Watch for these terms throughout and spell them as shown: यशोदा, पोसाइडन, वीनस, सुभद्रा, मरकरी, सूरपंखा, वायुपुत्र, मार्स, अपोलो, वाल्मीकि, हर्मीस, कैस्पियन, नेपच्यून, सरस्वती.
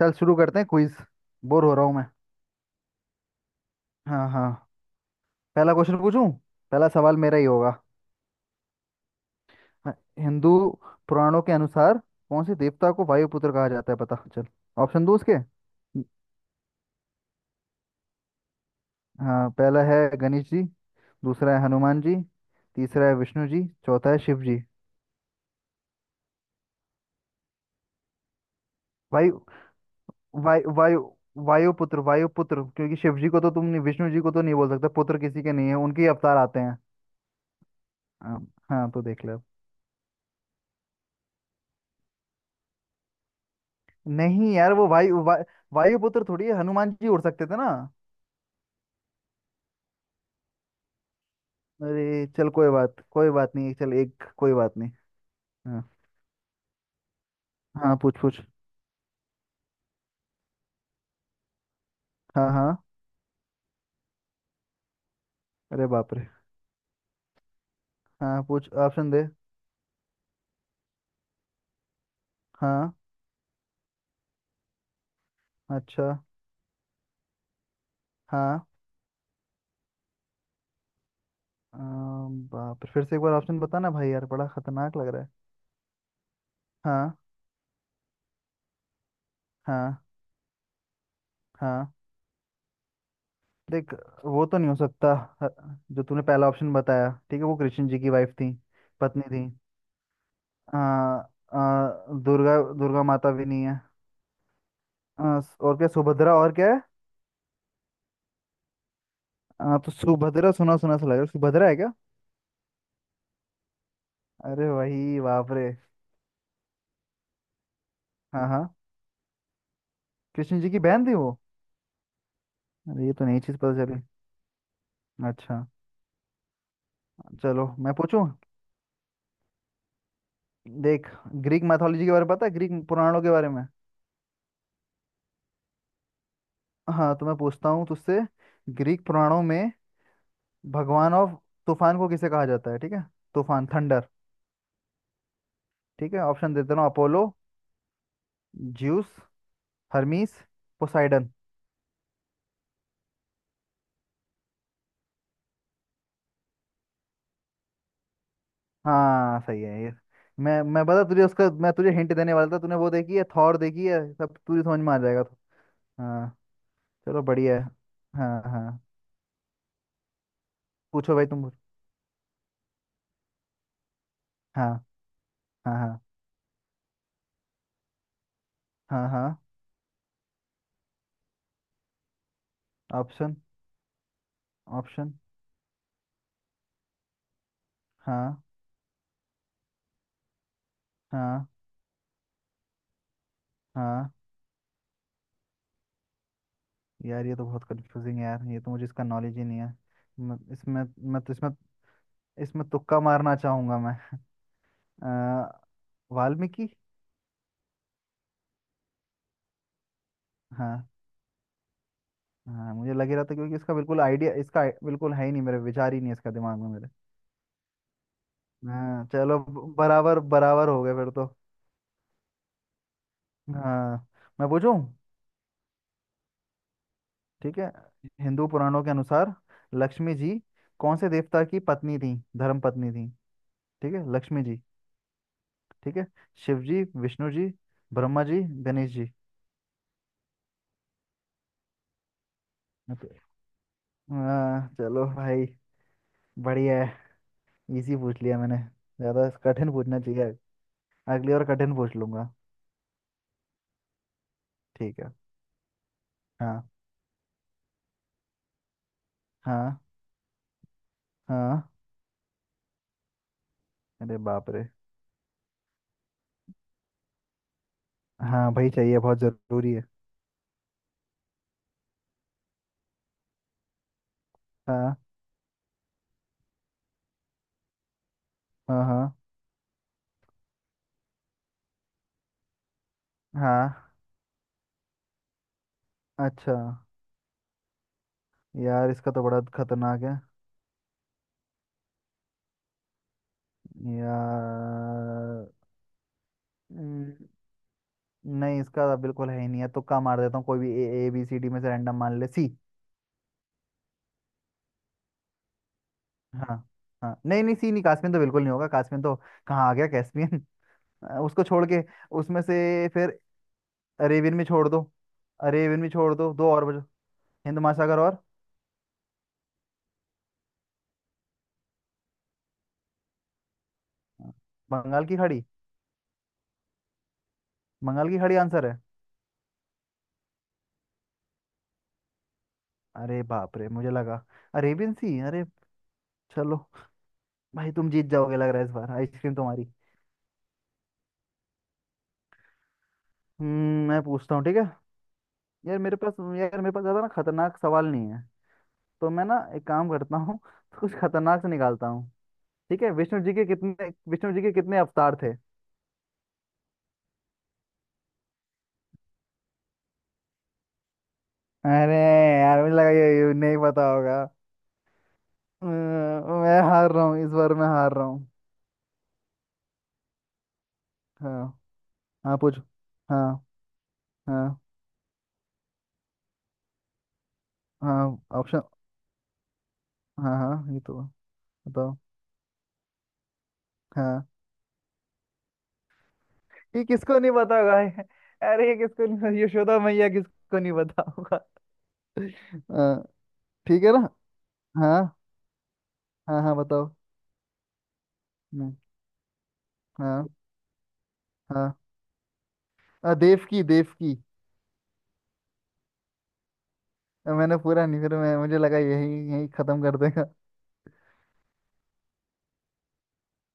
चल शुरू करते हैं क्विज। बोर हो रहा हूँ मैं। हाँ, हाँ। पहला क्वेश्चन पूछूं? पहला सवाल मेरा ही होगा। हाँ, हिंदू पुराणों के अनुसार कौन से देवता को वायुपुत्र कहा जाता है? पता चल, ऑप्शन दो उसके। हाँ, पहला है गणेश जी। दूसरा है हनुमान जी। तीसरा है विष्णु जी, चौथा है शिव जी। वायु वायु वायु, वायुपुत्र वायुपुत्र, क्योंकि शिव जी को तो तुम नहीं, विष्णु जी को तो नहीं बोल सकते, पुत्र किसी के नहीं है, उनके ही अवतार आते हैं। हाँ। हाँ, तो देख ले। नहीं यार, वो वायुपुत्र थोड़ी है, हनुमान जी उड़ सकते थे ना। अरे चल, कोई बात नहीं। चल, एक कोई बात नहीं। हाँ, हाँ, पूछ पूछ। हाँ, हाँ। अरे बाप रे। हाँ, पूछ, ऑप्शन दे। हाँ। अच्छा। हाँ, बाप रे, फिर से एक बार ऑप्शन बताना भाई, यार बड़ा खतरनाक लग रहा है। हाँ। हाँ। हाँ। देख, वो तो नहीं हो सकता। ह- जो तूने पहला ऑप्शन बताया, ठीक है, वो कृष्ण जी की वाइफ थी। पत्नी थी। आ, आ, दुर्गा दुर्गा माता भी नहीं है। और क्या? सुभद्रा और क्या है? तो सुभद्रा सुना सुना सा लग रहा है, सुभद्रा है क्या? अरे वही, बाप रे। हाँ, हाँ। कृष्ण जी की बहन थी वो। अरे ये तो नई चीज पता चली। अच्छा। चलो, मैं पूछूं। देख, ग्रीक मैथोलॉजी के बारे में पता है? ग्रीक पुराणों के बारे में। हाँ, तो मैं पूछता हूँ तुझसे। ग्रीक पुराणों में भगवान ऑफ तूफान को किसे कहा जाता है, ठीक है? तूफान, थंडर। ठीक है, ऑप्शन देता हूँ। अपोलो, juice, हर्मीस, पोसाइडन। हाँ, सही है ये। मैं बता तुझे उसका, मैं तुझे हिंट देने वाला था, तूने वो देखी है, थॉर देखी है, सब तुझे समझ में आ जाएगा तो। हाँ। चलो, बढ़िया है। हाँ, हाँ। पूछो भाई, तुम पूछो। हाँ, हाँ, हाँ, हाँ, हाँ। Option, option. हाँ, हाँ, हाँ। यार ये तो बहुत कंफ्यूजिंग है यार, ये तो मुझे इसका नॉलेज ही नहीं है। मैं इसमें मैं तो इसमें इसमें तुक्का मारना चाहूंगा मैं। अ, वाल्मीकि। हाँ, हाँ, मुझे लग ही रहा था, क्योंकि इसका बिल्कुल आइडिया, इसका बिल्कुल है ही नहीं, मेरे विचार ही नहीं है इसका, दिमाग में मेरे। हाँ, चलो, बराबर बराबर हो गए फिर तो। हाँ, मैं पूछूं, ठीक है। हिंदू पुराणों के अनुसार लक्ष्मी जी कौन से देवता की पत्नी थी, धर्म पत्नी थी? ठीक है, लक्ष्मी जी, ठीक है। शिव जी, विष्णु जी, ब्रह्मा जी, गणेश जी। Okay. हाँ, चलो भाई। बढ़िया है, इजी पूछ लिया मैंने, ज्यादा कठिन पूछना चाहिए, अगली बार कठिन पूछ लूंगा। ठीक है। हाँ। हाँ। हाँ। अरे बाप रे। हाँ भाई, चाहिए, बहुत जरूरी है। हाँ, हाँ। हाँ, हाँ। अच्छा। यार इसका तो बड़ा खतरनाक है यार। हम्म, नहीं, इसका तो बिल्कुल है ही नहीं है, तुक्का मार देता हूँ कोई भी, A A B C D में से, रैंडम, मान ले सी। हाँ, हाँ, नहीं, नहीं, सी नहीं, कास्मियन तो बिल्कुल नहीं होगा, कास्मियन तो कहाँ आ गया कैस्पियन। उसको छोड़ के, उसमें से फिर अरेबियन भी छोड़ दो, अरेबियन भी छोड़ दो, दो और बचो। हिंद महासागर और बंगाल की खाड़ी। बंगाल की खाड़ी आंसर है। अरे बाप रे, मुझे लगा अरेबियन सी। अरे, चलो, भाई तुम जीत जाओगे लग रहा है इस बार, आइसक्रीम तुम्हारी। मैं पूछता हूँ, ठीक है। यार मेरे पास ज़्यादा ना खतरनाक सवाल नहीं है। तो मैं ना एक काम करता हूँ, तो कुछ खतरनाक से निकालता हूँ। ठीक है, विष्णु जी के कितने अवतार थे? अरे, यार मुझे लगा ये नहीं पता होगा। मैं हार रहा हूँ, इस बार मैं हार रहा हूँ। हाँ, हाँ, पूछो। हाँ, हाँ, हाँ। ऑप्शन। हाँ, हाँ, ये तो बताओ। हाँ, ये किसको नहीं पता होगा। अरे, ये किसको नहीं, यशोदा मैया किसको नहीं पता होगा? अ, ठीक है ना। हाँ, हाँ, हाँ, बताओ। हम्म, हाँ, हाँ। देव की। मैंने पूरा नहीं, फिर मैं मुझे लगा यही यही खत्म कर देगा।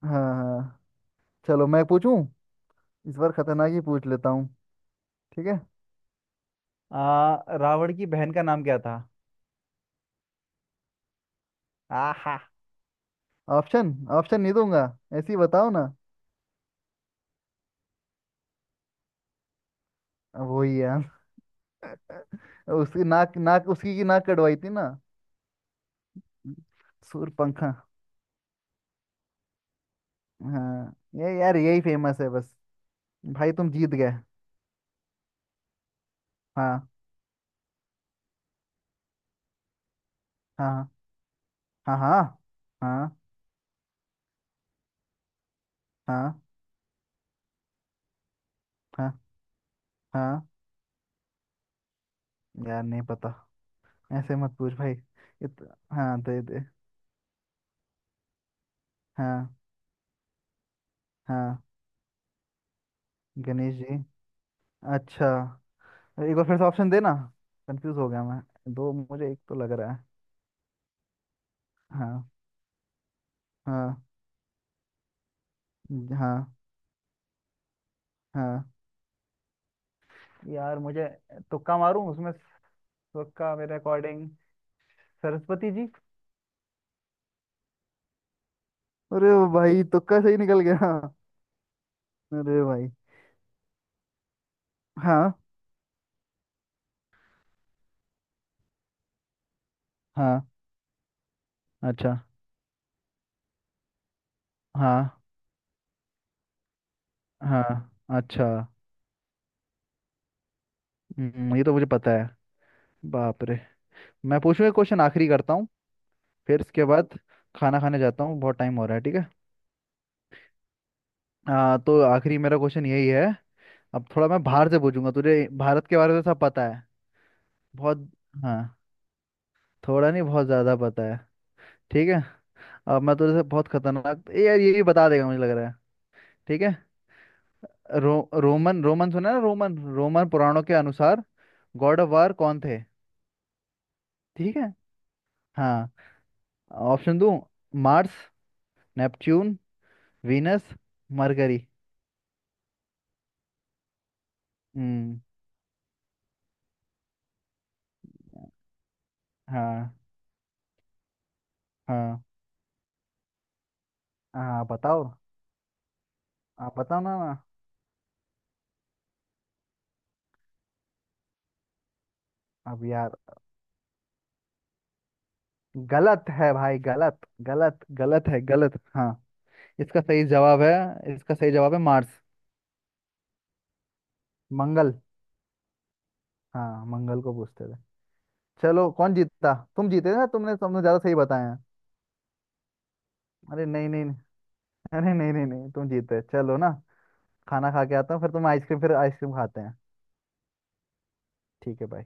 हाँ, हाँ। चलो, मैं पूछूं। इस बार खतरनाक ही पूछ लेता हूँ, ठीक है। आ, रावण की बहन का नाम क्या था? आहा। ऑप्शन? ऑप्शन नहीं दूंगा, ऐसे ही बताओ ना। वही है। उसकी नाक नाक उसकी की नाक कटवाई थी ना। सूरपंखा। हाँ, ये यार यही फेमस है बस। भाई, तुम जीत गए। हाँ, हाँ, हाँ, हाँ, हाँ, हाँ, हाँ, हाँ। यार, नहीं पता। ऐसे मत पूछ भाई। इत... हाँ, दे दे। हाँ, हाँ। गणेश जी। अच्छा, एक बार फिर से ऑप्शन देना, कंफ्यूज हो गया मैं, दो मुझे, एक तो लग रहा है। हाँ, हाँ। हाँ। हाँ, यार मुझे, तुक्का मारूं उसमें, तुक्का मेरे अकॉर्डिंग, सरस्वती जी। अरे, भाई तुक्का सही निकल गया। अरे भाई। हाँ। हाँ। अच्छा। हाँ, हाँ। अच्छा। ये तो मुझे पता है। बाप रे। मैं पूछूं, एक क्वेश्चन आखिरी करता हूँ, फिर इसके बाद खाना खाने जाता हूँ, बहुत टाइम हो रहा है, ठीक है। तो आखिरी मेरा क्वेश्चन यही है। अब थोड़ा मैं बाहर से पूछूंगा तुझे, भारत के बारे में सब पता है? बहुत। हाँ, थोड़ा नहीं, बहुत ज़्यादा पता है। ठीक है। अब मैं तुझे बहुत खतरनाक, ये यार ये भी बता देगा मुझे लग रहा है। ठीक है। रोमन रोमन सुना है ना, रोमन रोमन पुराणों के अनुसार गॉड ऑफ वार कौन थे? ठीक है। हाँ, ऑप्शन दूं? मार्स, नेपच्यून, वीनस, मरकरी। हम्म। हाँ, हाँ, हाँ, बताओ। आप बताओ ना, ना। अब यार, गलत है भाई, गलत, गलत, गलत है, गलत। हाँ, इसका सही जवाब है, मार्स। मंगल। हाँ, मंगल को पूछते थे। चलो, कौन जीतता, तुम जीते ना, तुमने तुमने ज्यादा सही बताया है। अरे, नहीं, नहीं, नहीं। अरे, नहीं, नहीं, नहीं, तुम जीते चलो ना। खाना खा के आता हूँ, फिर तुम आइसक्रीम फिर आइसक्रीम खाते हैं। ठीक है भाई।